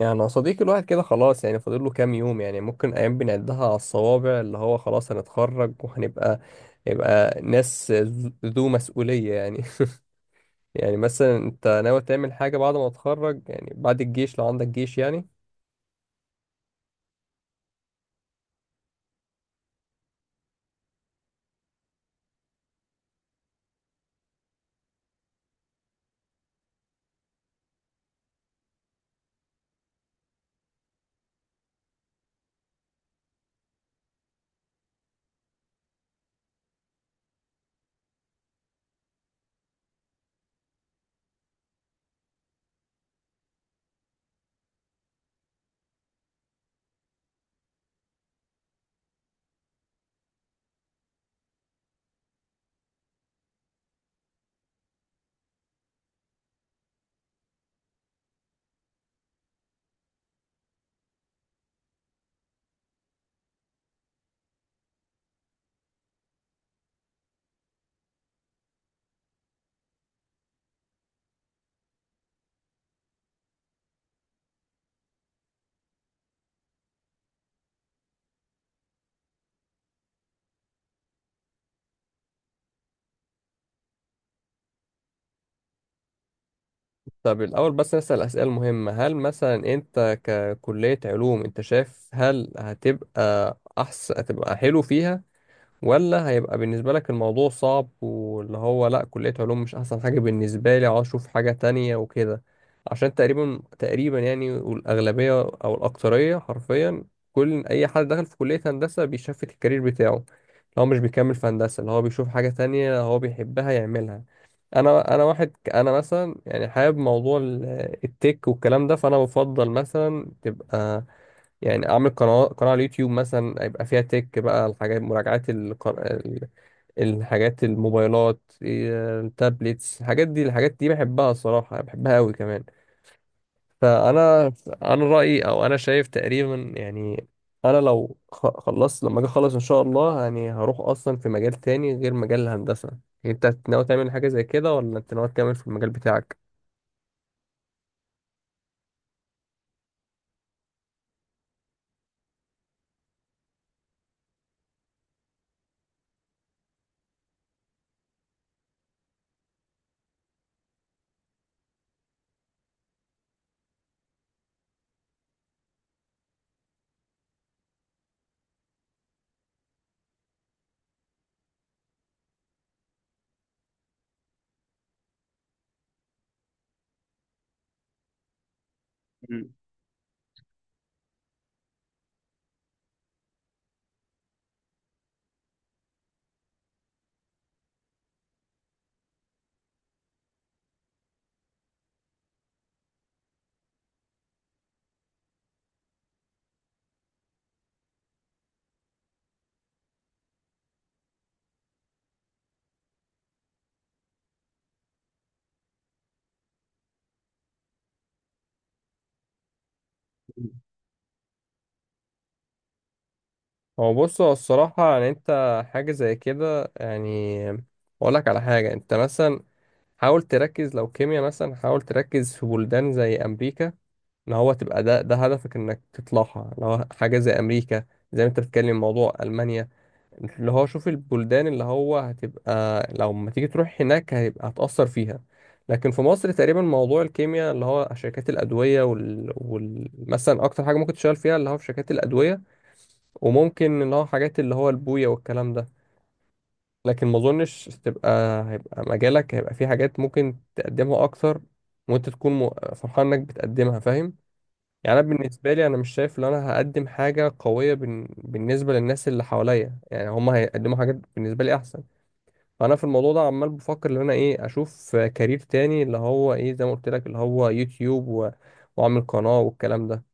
يعني يا صديقي الواحد كده خلاص، يعني فاضل له كام يوم. يعني ممكن ايام بنعدها على الصوابع، اللي هو خلاص هنتخرج وهنبقى يبقى ناس ذو مسؤولية يعني يعني مثلا انت ناوي تعمل حاجة بعد ما تتخرج؟ يعني بعد الجيش لو عندك جيش يعني. طب الأول بس نسأل أسئلة مهمة. هل مثلا أنت ككلية علوم أنت شايف هل هتبقى أحسن، هتبقى حلو فيها، ولا هيبقى بالنسبة لك الموضوع صعب، واللي هو لأ كلية علوم مش أحسن حاجة بالنسبة لي، عاوز أشوف حاجة تانية وكده؟ عشان تقريبا يعني، والأغلبية أو الأكثرية حرفيا كل أي حد دخل في كلية هندسة بيشفت الكارير بتاعه، اللي هو مش بيكمل في هندسة، اللي هو بيشوف حاجة تانية هو بيحبها يعملها. أنا أنا مثلا يعني حابب موضوع التك والكلام ده، فأنا بفضل مثلا تبقى، يعني اعمل قناه على اليوتيوب مثلا، يبقى فيها تك بقى، الحاجات مراجعات الحاجات الموبايلات إيه، التابلتس، الحاجات دي الحاجات دي بحبها الصراحه، بحبها قوي كمان. فانا انا رايي او انا شايف تقريبا يعني، انا خلصت، لما اجي اخلص ان شاء الله يعني، هروح اصلا في مجال تاني غير مجال الهندسه. انت ناوي تعمل حاجه زي كده ولا انت ناوي تكمل في المجال بتاعك؟ هو بص هو الصراحة يعني انت، حاجة زي كده يعني، اقول لك على حاجة. انت مثلا حاول تركز لو كيمياء، مثلا حاول تركز في بلدان زي امريكا. ان هو تبقى ده هدفك، انك تطلعها لو حاجة زي امريكا، زي ما انت بتتكلم موضوع المانيا. اللي هو شوف البلدان اللي هو هتبقى، لو ما تيجي تروح هناك هيبقى هتأثر فيها. لكن في مصر تقريبا موضوع الكيمياء اللي هو شركات الأدوية مثلا أكتر حاجة ممكن تشتغل فيها اللي هو في شركات الأدوية، وممكن اللي هو حاجات اللي هو البوية والكلام ده. لكن ما أظنش تبقى، هيبقى مجالك هيبقى في حاجات ممكن تقدمها أكتر، وأنت تكون م- فرحان إنك بتقدمها فاهم. يعني انا بالنسبه لي انا مش شايف ان انا هقدم حاجه قويه بالنسبه للناس اللي حواليا، يعني هم هيقدموا حاجات بالنسبه لي احسن. فانا في الموضوع ده عمال بفكر ان انا ايه، اشوف كارير تاني اللي هو ايه، زي ما قلت لك اللي هو يوتيوب واعمل قناه والكلام ده.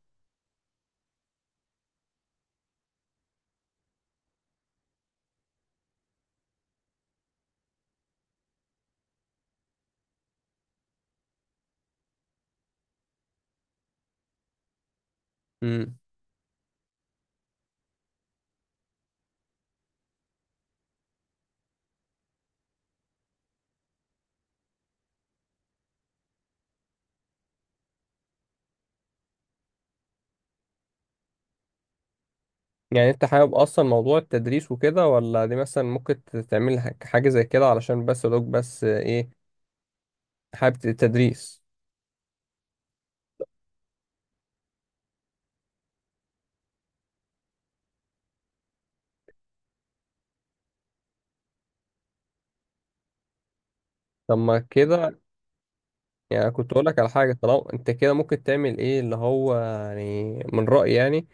امم. يعني انت حابب اصلا موضوع التدريس وكده ولا دي مثلا ممكن تعمل حاجه زي كده، علشان بس لوك بس ايه؟ حابب التدريس؟ طب ما كده، يعني كنت اقول لك على حاجه، طالما انت كده ممكن تعمل ايه اللي هو يعني من رايي يعني،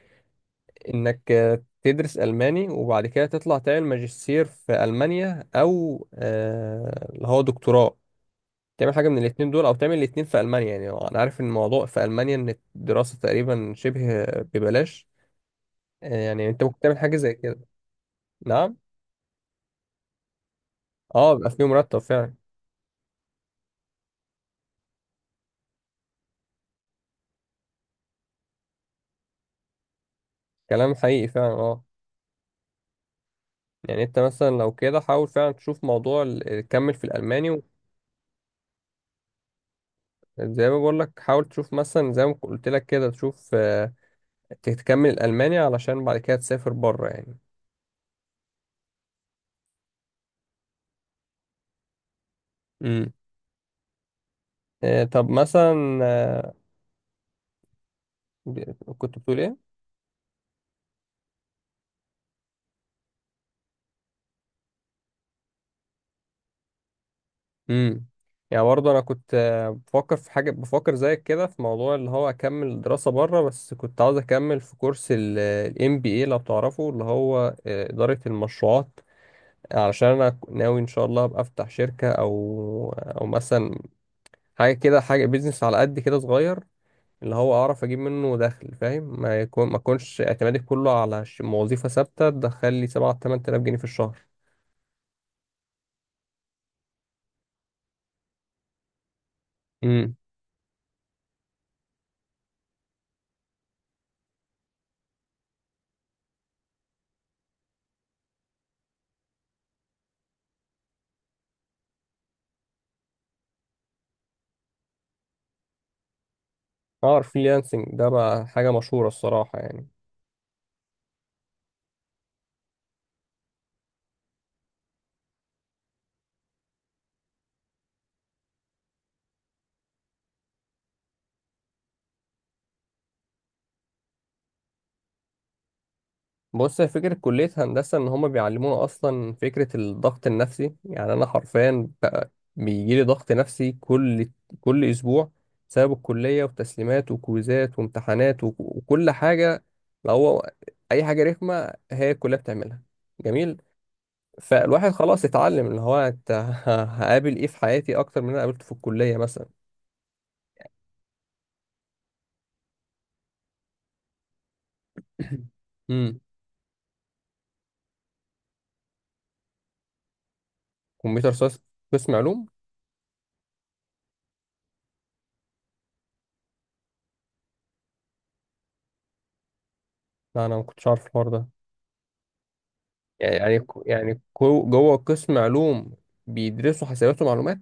انك آه، تدرس الماني، وبعد كده تطلع تعمل ماجستير في المانيا، او آه، اللي هو دكتوراه، تعمل حاجه من الاتنين دول او تعمل الاتنين في المانيا. يعني انا عارف ان الموضوع في المانيا ان الدراسه تقريبا شبه ببلاش. آه، يعني انت ممكن تعمل حاجه زي كده. نعم. اه بيبقى فيه مرتب فعلا. كلام حقيقي فعلا اه. يعني انت مثلا لو كده حاول فعلا تشوف موضوع تكمل في الالماني زي ما بقول لك حاول تشوف مثلا زي ما قلت لك كده تشوف آه، تكمل الالماني علشان بعد كده تسافر بره يعني. امم. آه، طب مثلا آه، كنت بتقول ايه؟ امم. يعني برضه انا كنت آه، بفكر في حاجه بفكر زيك كده في موضوع اللي هو اكمل دراسه بره، بس كنت عاوز اكمل في كورس الام بي اي لو تعرفه، اللي هو آه، اداره المشروعات. علشان انا ناوي ان شاء الله ابقى افتح شركه او او مثلا حاجه كده، حاجه بيزنس على قد كده صغير، اللي هو اعرف اجيب منه دخل فاهم، ما يكون ما اكونش اعتمادي كله على وظيفه ثابته تدخل لي 7 8000 جنيه في الشهر. اه الفريلانسنج ده بقى حاجة مشهورة الصراحة يعني. بص هي فكرة كلية هندسة إن هما بيعلمونا أصلا فكرة الضغط النفسي، يعني أنا حرفيا بقى بيجيلي ضغط نفسي كل أسبوع بسبب الكلية وتسليمات وكويزات وامتحانات وكل حاجة. لو هو أي حاجة رخمة هي الكلية بتعملها جميل. فالواحد خلاص اتعلم اللي هو أنت هقابل إيه في حياتي أكتر من اللي أنا قابلته في الكلية مثلا. امم. كمبيوتر ساينس، قسم علوم. لا أنا ما كنتش عارف الحوار ده. يعني يعني جوه قسم علوم بيدرسوا حسابات ومعلومات؟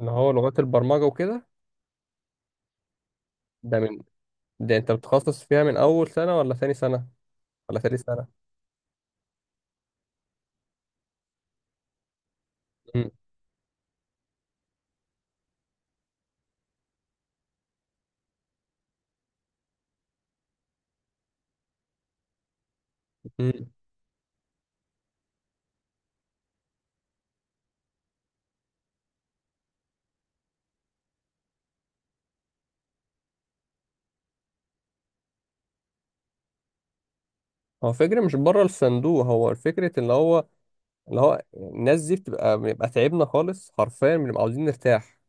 اللي هو لغات البرمجة وكده؟ ده من، ده انت بتخصص فيها من اول سنة ولا ثاني سنة ولا ثالث سنة؟ مم. مم. هو فكرة مش بره الصندوق، هو الفكرة اللي هو اللي هو الناس دي بتبقى بنبقى تعبنا خالص حرفيا، بنبقى عاوزين نرتاح،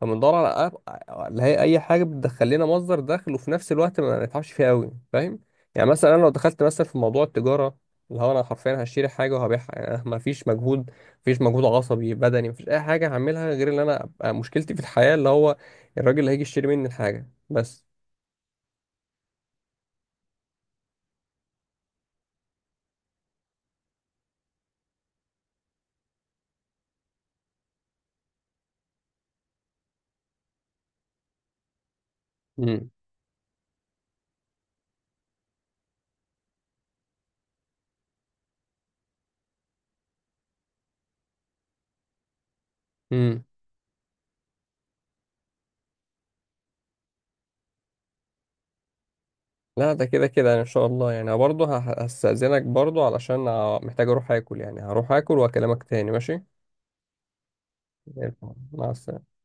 فبندور على اللي هي اي حاجه بتدخل لنا مصدر دخل وفي نفس الوقت ما نتعبش فيها قوي فاهم. يعني مثلا انا لو دخلت مثلا في موضوع التجاره، اللي هو انا حرفيا هشتري حاجه وهبيعها، يعني ما فيش مجهود، مفيش مجهود عصبي بدني، مفيش اي حاجه هعملها غير ان انا أبقى مشكلتي في الحياه اللي هو الراجل اللي هيجي يشتري مني الحاجه بس. امم. امم. لا ده كده يعني ان شاء الله يعني، برضه هستأذنك برضه علشان محتاج اروح اكل يعني، هروح اكل واكلمك تاني ماشي؟ مع السلامه.